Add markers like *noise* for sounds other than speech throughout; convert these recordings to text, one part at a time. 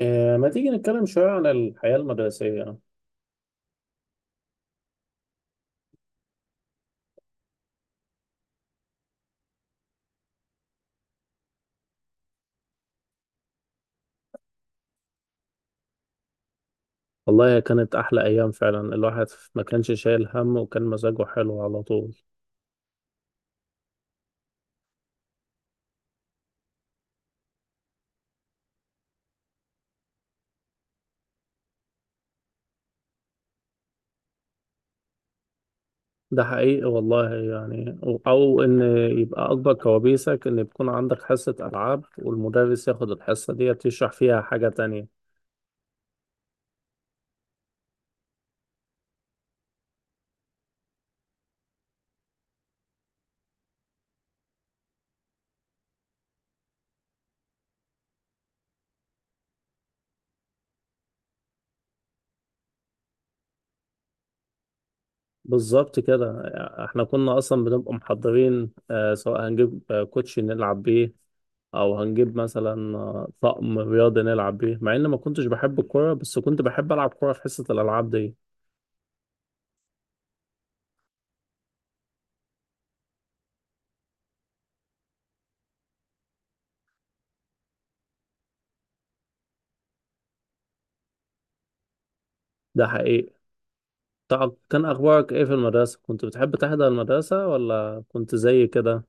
ما تيجي نتكلم شوية عن الحياة المدرسية؟ والله هي كانت أحلى أيام فعلا. الواحد ما كانش شايل هم، وكان مزاجه حلو على طول. ده حقيقي والله. يعني أو إن يبقى أكبر كوابيسك إن يكون عندك حصة ألعاب والمدرس ياخد الحصة دي يشرح فيها حاجة تانية. بالظبط كده. احنا كنا اصلا بنبقى محضرين، سواء هنجيب كوتشي نلعب بيه، او هنجيب مثلا طقم رياضي نلعب بيه، مع ان ما كنتش بحب الكوره بس كنت بحب العب كوره في حصه الالعاب دي. ده حقيقي. طب كان اخبارك ايه في المدرسه؟ كنت بتحب تحضر المدرسه ولا كنت زي كده؟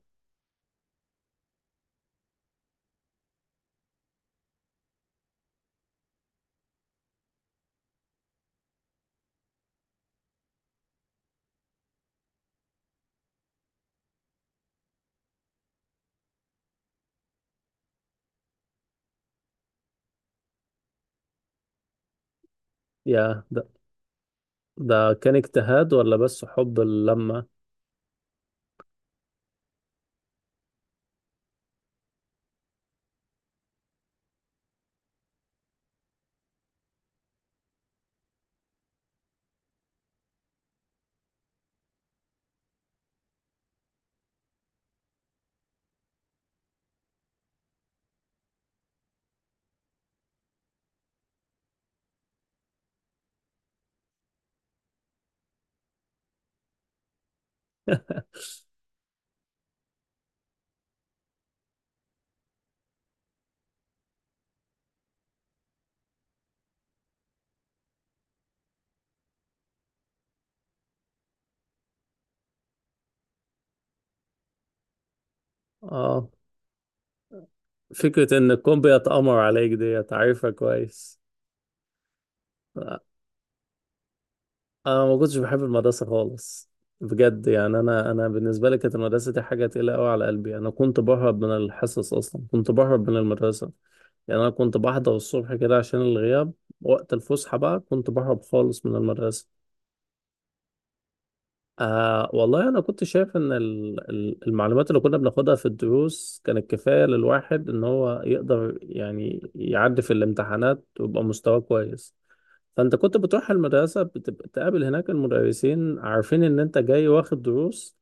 يا ده، ده كان اجتهاد ولا بس حب اللمه؟ اه، فكره ان الكون بيتامر عليك دي عارفها كويس. انا ما كنتش بحب المدرسه خالص بجد. يعني انا بالنسبه لي كانت المدرسه دي حاجه تقيله قوي على قلبي. انا كنت بهرب من الحصص اصلا، كنت بهرب من المدرسه. يعني انا كنت بحضر الصبح كده عشان الغياب، وقت الفسحه بقى كنت بهرب خالص من المدرسه. والله انا كنت شايف ان المعلومات اللي كنا بناخدها في الدروس كانت كفايه للواحد ان هو يقدر يعني يعدي في الامتحانات ويبقى مستواه كويس. فانت كنت بتروح المدرسة، بتبقى تقابل هناك المدرسين عارفين ان انت جاي واخد دروس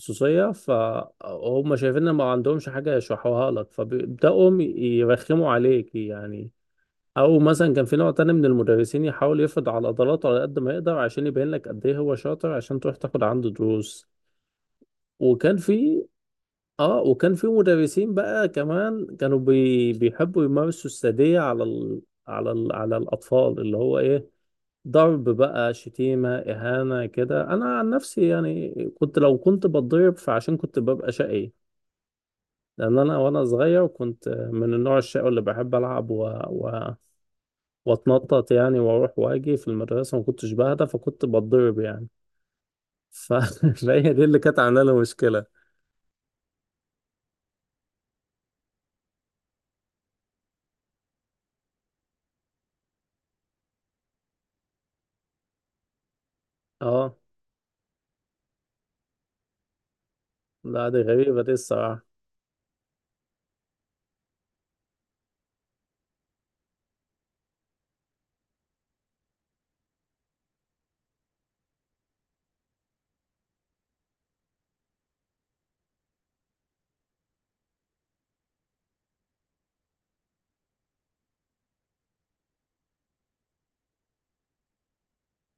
خصوصية، فهم شايفين ان ما عندهمش حاجة يشرحوها لك فبيبدأوا يرخموا عليك يعني. او مثلا كان في نوع تاني من المدرسين يحاول يفرض على عضلاته على قد ما يقدر، عشان يبين لك قد ايه هو شاطر عشان تروح تاخد عنده دروس. وكان في اه وكان في مدرسين بقى كمان كانوا بيحبوا يمارسوا السادية على الاطفال، اللي هو ايه، ضرب بقى، شتيمة، إهانة كده. أنا عن نفسي يعني، كنت لو كنت بتضرب فعشان كنت ببقى شقي. لأن أنا وأنا صغير كنت من النوع الشقي اللي بحب ألعب وأتنطط يعني، وأروح وأجي في المدرسة ما كنتش بهدى، فكنت بتضرب يعني. ف- *laughs* فهي دي اللي كانت عاملة لي مشكلة. أه. لا، دي غريبة دي الصراحة.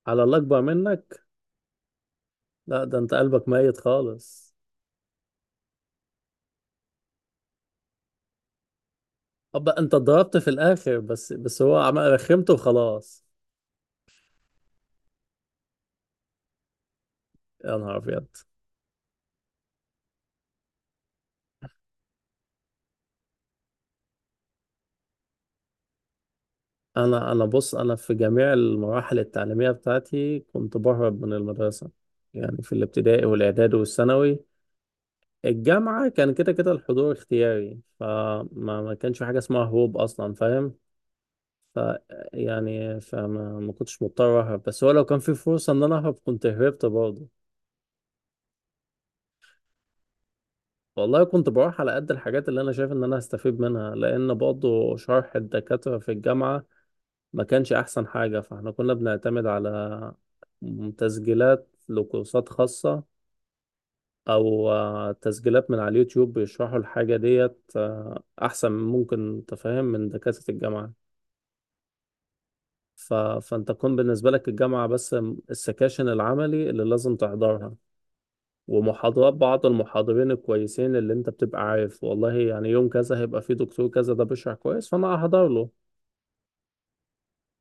على اللي أكبر منك؟ لا ده أنت قلبك ميت خالص. أبقى أنت ضربت في الآخر، بس بس هو رخمته وخلاص. يا نهار أبيض. انا بص، انا في جميع المراحل التعليميه بتاعتي كنت بهرب من المدرسه، يعني في الابتدائي والاعدادي والثانوي. الجامعه كان كده كده الحضور اختياري، فما ما كانش في حاجه اسمها هروب اصلا، فاهم؟ ف يعني فما ما كنتش مضطر اهرب، بس هو لو كان في فرصه ان انا اهرب كنت هربت برضه. والله كنت بروح على قد الحاجات اللي انا شايف ان انا هستفيد منها، لان برضه شرح الدكاتره في الجامعه ما كانش احسن حاجة. فاحنا كنا بنعتمد على تسجيلات لكورسات خاصة، او تسجيلات من على اليوتيوب بيشرحوا الحاجة ديت احسن ممكن تفهم من دكاترة الجامعة. فانت تكون بالنسبة لك الجامعة بس السكاشن العملي اللي لازم تحضرها، ومحاضرات بعض المحاضرين الكويسين اللي انت بتبقى عارف والله يعني يوم كذا هيبقى فيه دكتور كذا ده بيشرح كويس فانا هحضر له.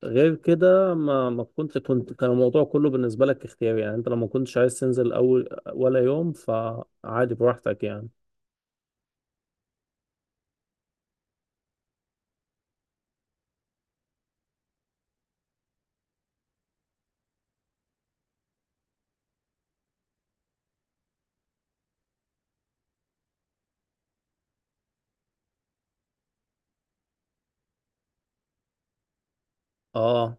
غير كده، ما ما كنت كنت كان الموضوع كله بالنسبة لك اختياري. يعني انت لو ما كنتش عايز تنزل اول ولا يوم فعادي براحتك يعني. اه،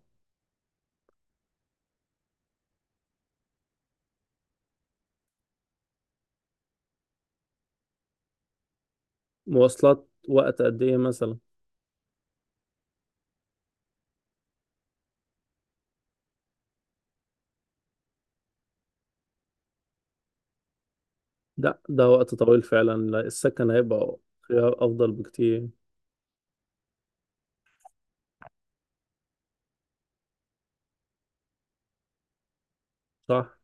مواصلات وقت قد ايه مثلا؟ ده وقت طويل فعلا. لا، السكن هيبقى خيار افضل بكتير. صح.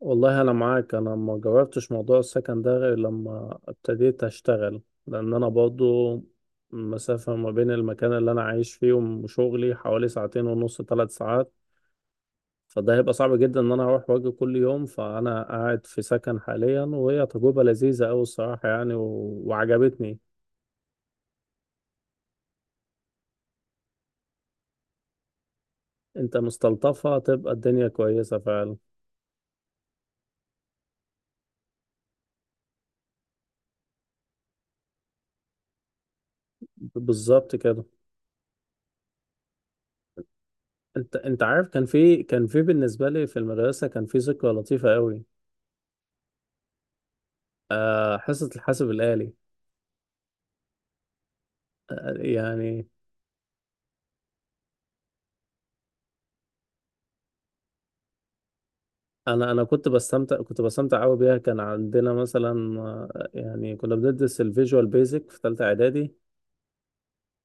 والله انا معاك. انا ما جربتش موضوع السكن ده غير لما ابتديت اشتغل. لان انا برضو المسافة ما بين المكان اللي انا عايش فيه وشغلي حوالي ساعتين ونص، 3 ساعات. فده هيبقى صعب جدا ان انا اروح واجي كل يوم، فانا قاعد في سكن حاليا، وهي تجربة لذيذة قوي الصراحة يعني وعجبتني. انت مستلطفة تبقى الدنيا كويسة فعلا. بالظبط كده. انت عارف، كان في كان في بالنسبة لي في المدرسة كان في ذكرى لطيفة قوي. حصة الحاسب الآلي. يعني انا كنت بستمتع قوي بيها. كان عندنا مثلا يعني كنا بندرس الفيجوال بيزك في ثالثة اعدادي.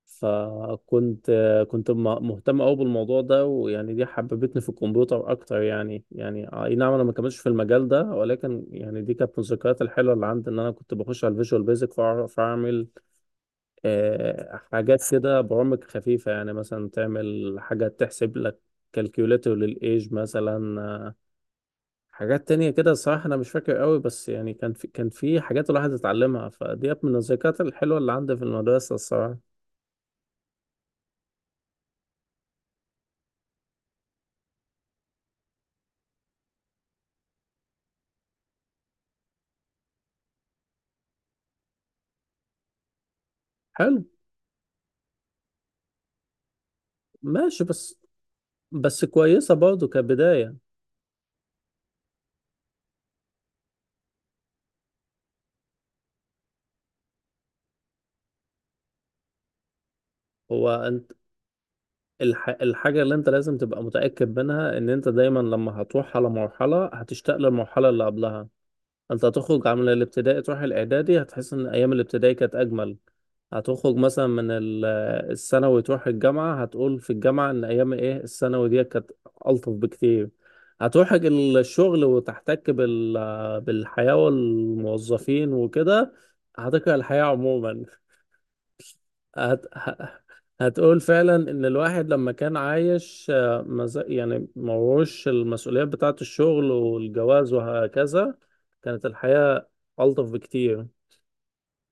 فكنت مهتم قوي بالموضوع ده، ويعني دي حببتني في الكمبيوتر اكتر. يعني اي نعم، انا ما كملتش في المجال ده، ولكن يعني دي كانت من الذكريات الحلوه اللي عندي ان انا كنت بخش على الفيجوال بيزك فاعرف اعمل حاجات كده، برامج خفيفه يعني مثلا تعمل حاجه تحسب لك، كالكيوليتر للايج مثلا، حاجات تانية كده. الصراحة أنا مش فاكر قوي، بس يعني كان في حاجات الواحد اتعلمها فديت من الذكريات الحلوة اللي عندي في المدرسة الصراحة. حلو. ماشي. بس، بس كويسة برضه كبداية. انت، الحاجة اللي انت لازم تبقى متأكد منها ان انت دايما لما هتروح على مرحلة هتشتاق للمرحلة اللي قبلها. انت هتخرج من الابتدائي تروح الاعدادي، هتحس ان ايام الابتدائي كانت اجمل. هتخرج مثلا من الثانوي تروح الجامعة، هتقول في الجامعة ان ايام ايه الثانوي دي كانت الطف بكتير. هتروح الشغل وتحتك بالحياة والموظفين وكده، هتكره الحياة عموما. هت... ه- هتقول فعلا ان الواحد لما كان عايش يعني موش المسؤوليات بتاعة الشغل والجواز وهكذا، كانت الحياة ألطف بكتير.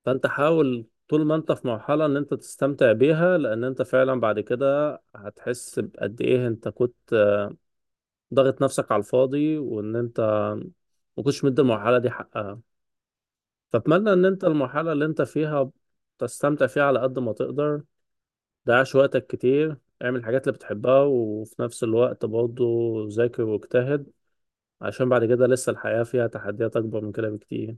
فانت حاول طول ما انت في مرحلة ان انت تستمتع بيها، لان انت فعلا بعد كده هتحس بقد ايه انت كنت ضاغط نفسك على الفاضي، وان انت ما كنتش مدي المرحلة دي حقها. فأتمنى ان انت المرحلة اللي انت فيها تستمتع فيها على قد ما تقدر، ضيعش وقتك كتير، اعمل الحاجات اللي بتحبها، وفي نفس الوقت برضه ذاكر واجتهد، عشان بعد كده لسه الحياة فيها تحديات أكبر من كده بكتير.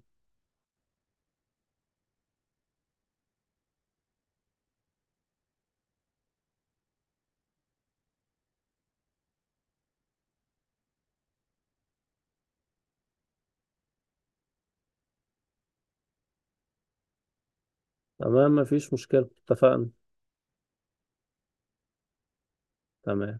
تمام، مفيش مشكلة، اتفقنا. تمام.